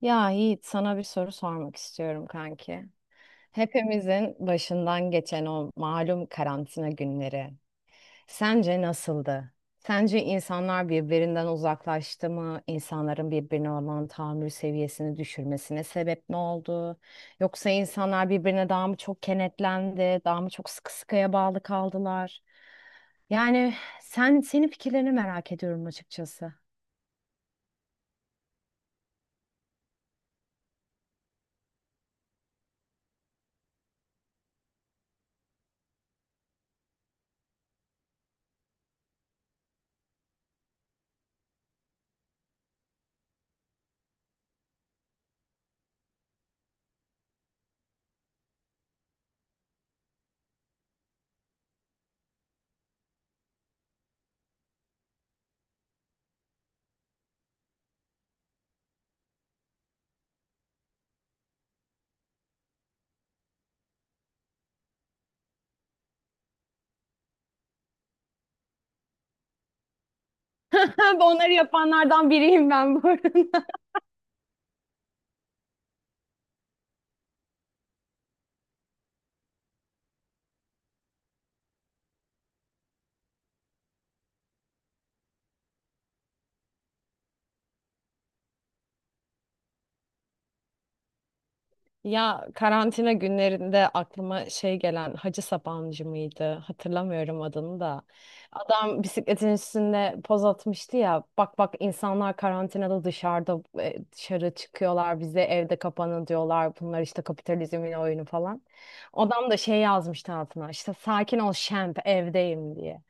Ya Yiğit sana bir soru sormak istiyorum kanki. Hepimizin başından geçen o malum karantina günleri sence nasıldı? Sence insanlar birbirinden uzaklaştı mı? İnsanların birbirine olan tahammül seviyesini düşürmesine sebep ne oldu? Yoksa insanlar birbirine daha mı çok kenetlendi, daha mı çok sıkı sıkıya bağlı kaldılar? Yani senin fikirlerini merak ediyorum açıkçası. Onları yapanlardan biriyim ben bu arada. Ya karantina günlerinde aklıma şey gelen Hacı Sabancı mıydı? Hatırlamıyorum adını da. Adam bisikletin üstünde poz atmıştı ya. Bak bak insanlar karantinada dışarıda dışarı çıkıyorlar. Bize evde kapanın diyorlar. Bunlar işte kapitalizmin oyunu falan. Adam da şey yazmıştı altına. İşte sakin ol şemp evdeyim diye.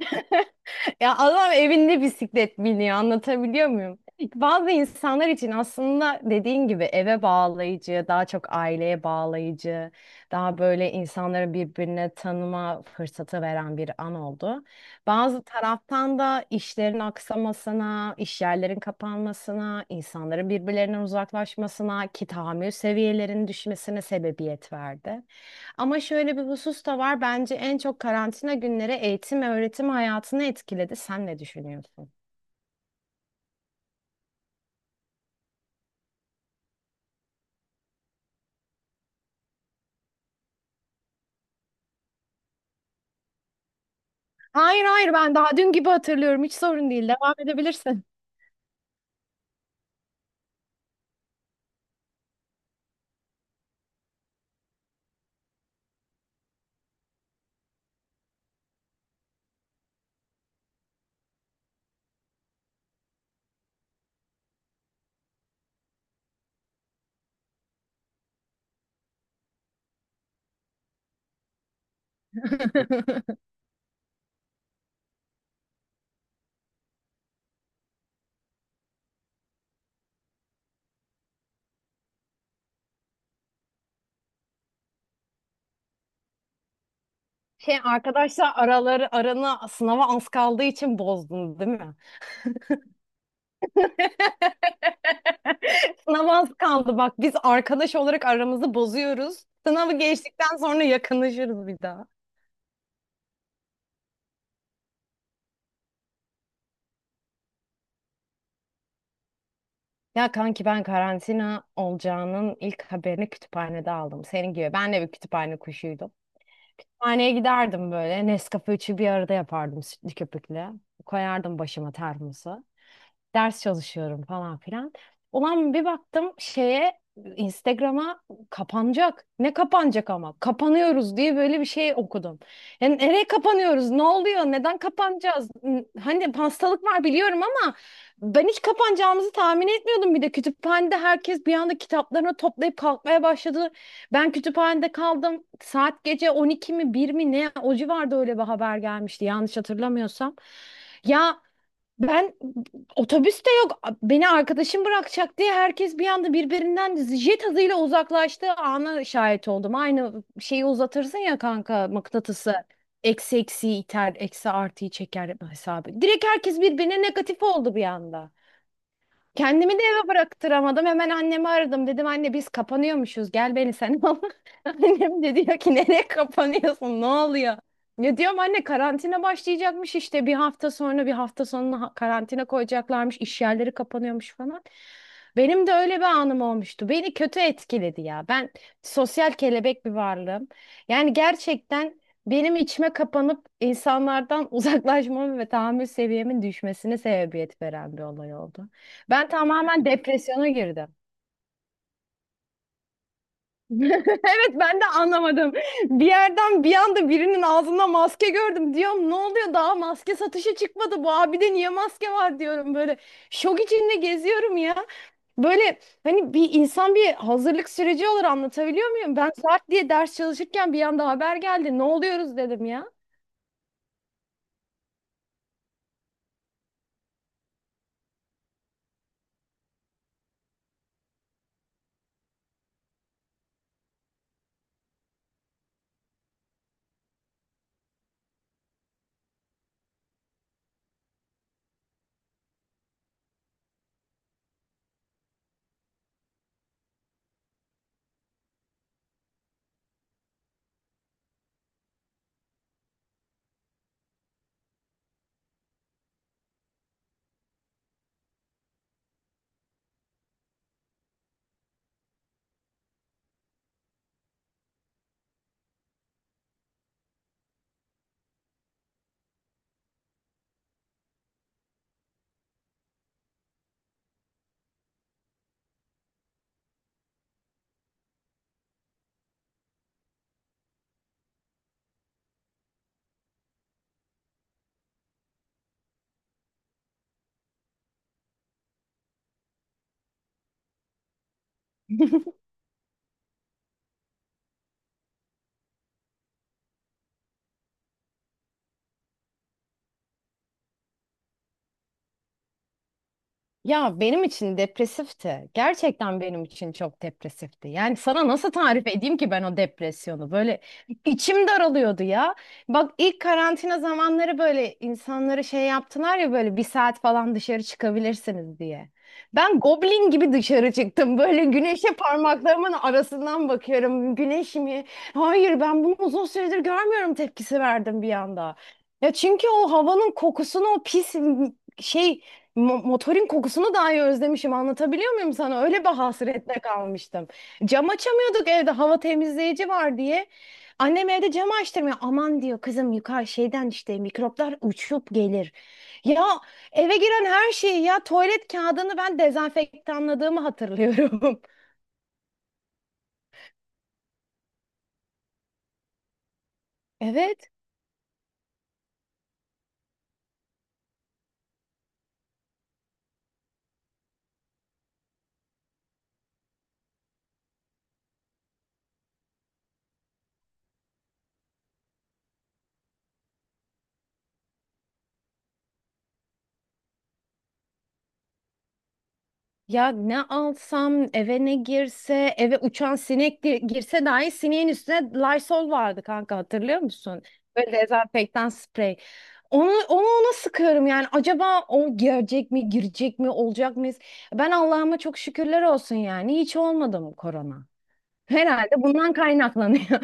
Ya adam evinde bisiklet biniyor anlatabiliyor muyum? Bazı insanlar için aslında dediğin gibi eve bağlayıcı, daha çok aileye bağlayıcı, daha böyle insanları birbirine tanıma fırsatı veren bir an oldu. Bazı taraftan da işlerin aksamasına, iş yerlerin kapanmasına, insanların birbirlerinden uzaklaşmasına, ki tahammül seviyelerinin düşmesine sebebiyet verdi. Ama şöyle bir husus da var. Bence en çok karantina günleri eğitim ve öğretim hayatını etkiledi. Sen ne düşünüyorsun? Hayır hayır, ben daha dün gibi hatırlıyorum. Hiç sorun değil. Devam edebilirsin. Şey, arkadaşlar araları aranı sınava az kaldığı için bozdun değil mi? Sınava az kaldı bak, biz arkadaş olarak aramızı bozuyoruz. Sınavı geçtikten sonra yakınlaşırız bir daha. Ya kanki, ben karantina olacağının ilk haberini kütüphanede aldım. Senin gibi. Ben de bir kütüphane kuşuydum. Kütüphaneye giderdim böyle. Nescafe üçü bir arada yapardım sütlü köpükle. Koyardım başıma termosu, ders çalışıyorum falan filan. Ulan bir baktım şeye, Instagram'a, kapanacak. Ne kapanacak ama? Kapanıyoruz diye böyle bir şey okudum. Yani nereye kapanıyoruz? Ne oluyor? Neden kapanacağız? Hani hastalık var biliyorum ama ben hiç kapanacağımızı tahmin etmiyordum. Bir de kütüphanede herkes bir anda kitaplarını toplayıp kalkmaya başladı. Ben kütüphanede kaldım. Saat gece 12 mi 1 mi ne? O civarda öyle bir haber gelmişti yanlış hatırlamıyorsam. Ya ben otobüs de yok. Beni arkadaşım bırakacak diye herkes bir anda birbirinden jet hızıyla uzaklaştığı ana şahit oldum. Aynı şeyi uzatırsın ya, kanka mıknatısı. Eksi eksiyi iter, eksi artıyı çeker hesabı. Direkt herkes birbirine negatif oldu bir anda. Kendimi de eve bıraktıramadım. Hemen annemi aradım. Dedim anne, biz kapanıyormuşuz. Gel beni sen al. Annem de diyor ki nereye kapanıyorsun? Ne oluyor? Ne diyorum anne, karantina başlayacakmış işte bir hafta sonra, bir hafta sonuna karantina koyacaklarmış. İş yerleri kapanıyormuş falan. Benim de öyle bir anım olmuştu. Beni kötü etkiledi ya. Ben sosyal kelebek bir varlığım. Yani gerçekten benim içime kapanıp insanlardan uzaklaşmamın ve tahammül seviyemin düşmesine sebebiyet veren bir olay oldu. Ben tamamen depresyona girdim. Evet, ben de anlamadım. Bir yerden bir anda birinin ağzında maske gördüm. Diyorum ne oluyor, daha maske satışa çıkmadı. Bu abide niye maske var diyorum böyle. Şok içinde geziyorum ya. Böyle hani bir insan bir hazırlık süreci olur, anlatabiliyor muyum? Ben saat diye ders çalışırken bir anda haber geldi. Ne oluyoruz dedim ya. Ya benim için depresifti. Gerçekten benim için çok depresifti. Yani sana nasıl tarif edeyim ki ben o depresyonu? Böyle içim daralıyordu ya. Bak ilk karantina zamanları böyle insanları şey yaptılar ya, böyle bir saat falan dışarı çıkabilirsiniz diye. Ben goblin gibi dışarı çıktım. Böyle güneşe parmaklarımın arasından bakıyorum. Güneş mi? Hayır, ben bunu uzun süredir görmüyorum tepkisi verdim bir anda. Ya çünkü o havanın kokusunu, o pis şey, motorun kokusunu dahi özlemişim. Anlatabiliyor muyum sana? Öyle bir hasretle kalmıştım. Cam açamıyorduk evde, hava temizleyici var diye. Annem evde cam açtırmıyor. Aman diyor kızım, yukarı şeyden işte mikroplar uçup gelir. Ya eve giren her şeyi, ya tuvalet kağıdını ben dezenfektanladığımı hatırlıyorum. Evet. Ya ne alsam eve, ne girse eve, uçan sinek girse dahi sineğin üstüne Lysol vardı kanka, hatırlıyor musun? Böyle dezenfektan sprey. Onu ona sıkıyorum yani, acaba o gelecek mi, girecek mi, olacak mıyız? Ben Allah'ıma çok şükürler olsun yani, hiç olmadı mı korona? Herhalde bundan kaynaklanıyor.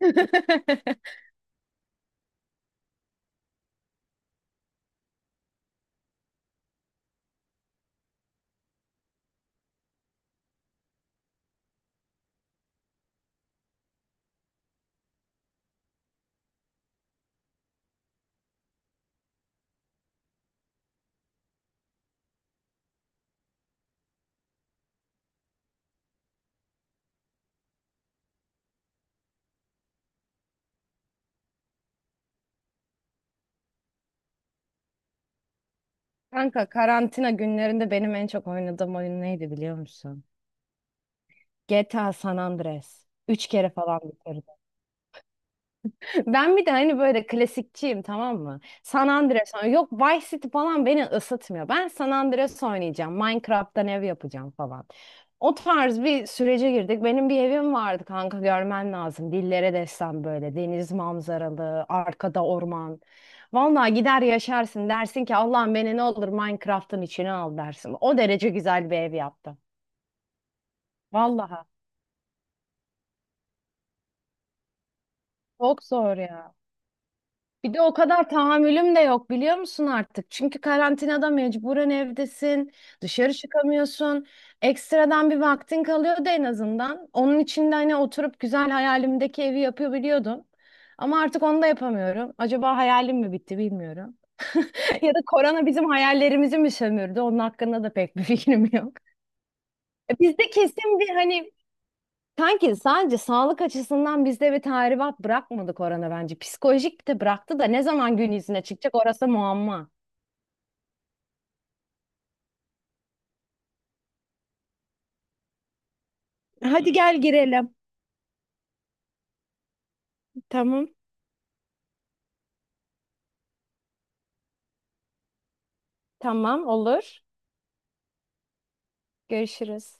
Kanka, karantina günlerinde benim en çok oynadığım oyun neydi biliyor musun? GTA San Andreas. Üç kere falan bitirdim. Ben bir de hani böyle klasikçiyim, tamam mı? San Andreas oynuyorum. Yok, Vice City falan beni ısıtmıyor. Ben San Andreas oynayacağım. Minecraft'tan ev yapacağım falan. O tarz bir sürece girdik. Benim bir evim vardı kanka, görmen lazım. Dillere destan, böyle deniz manzaralı, arkada orman. Vallahi gider yaşarsın, dersin ki Allah'ım beni ne olur Minecraft'ın içine al dersin. O derece güzel bir ev yaptım. Vallahi çok zor ya. Bir de o kadar tahammülüm de yok biliyor musun artık? Çünkü karantinada mecburen evdesin, dışarı çıkamıyorsun. Ekstradan bir vaktin kalıyordu en azından. Onun için de hani oturup güzel hayalimdeki evi yapabiliyordum. Ama artık onu da yapamıyorum. Acaba hayalim mi bitti bilmiyorum. Ya da korona bizim hayallerimizi mi sömürdü? Onun hakkında da pek bir fikrim yok. Bizde kesin bir hani, sanki sadece sağlık açısından bizde bir tahribat bırakmadı korona bence. Psikolojik de bıraktı da ne zaman gün yüzüne çıkacak orası muamma. Hadi gel girelim. Tamam. Tamam olur. Görüşürüz.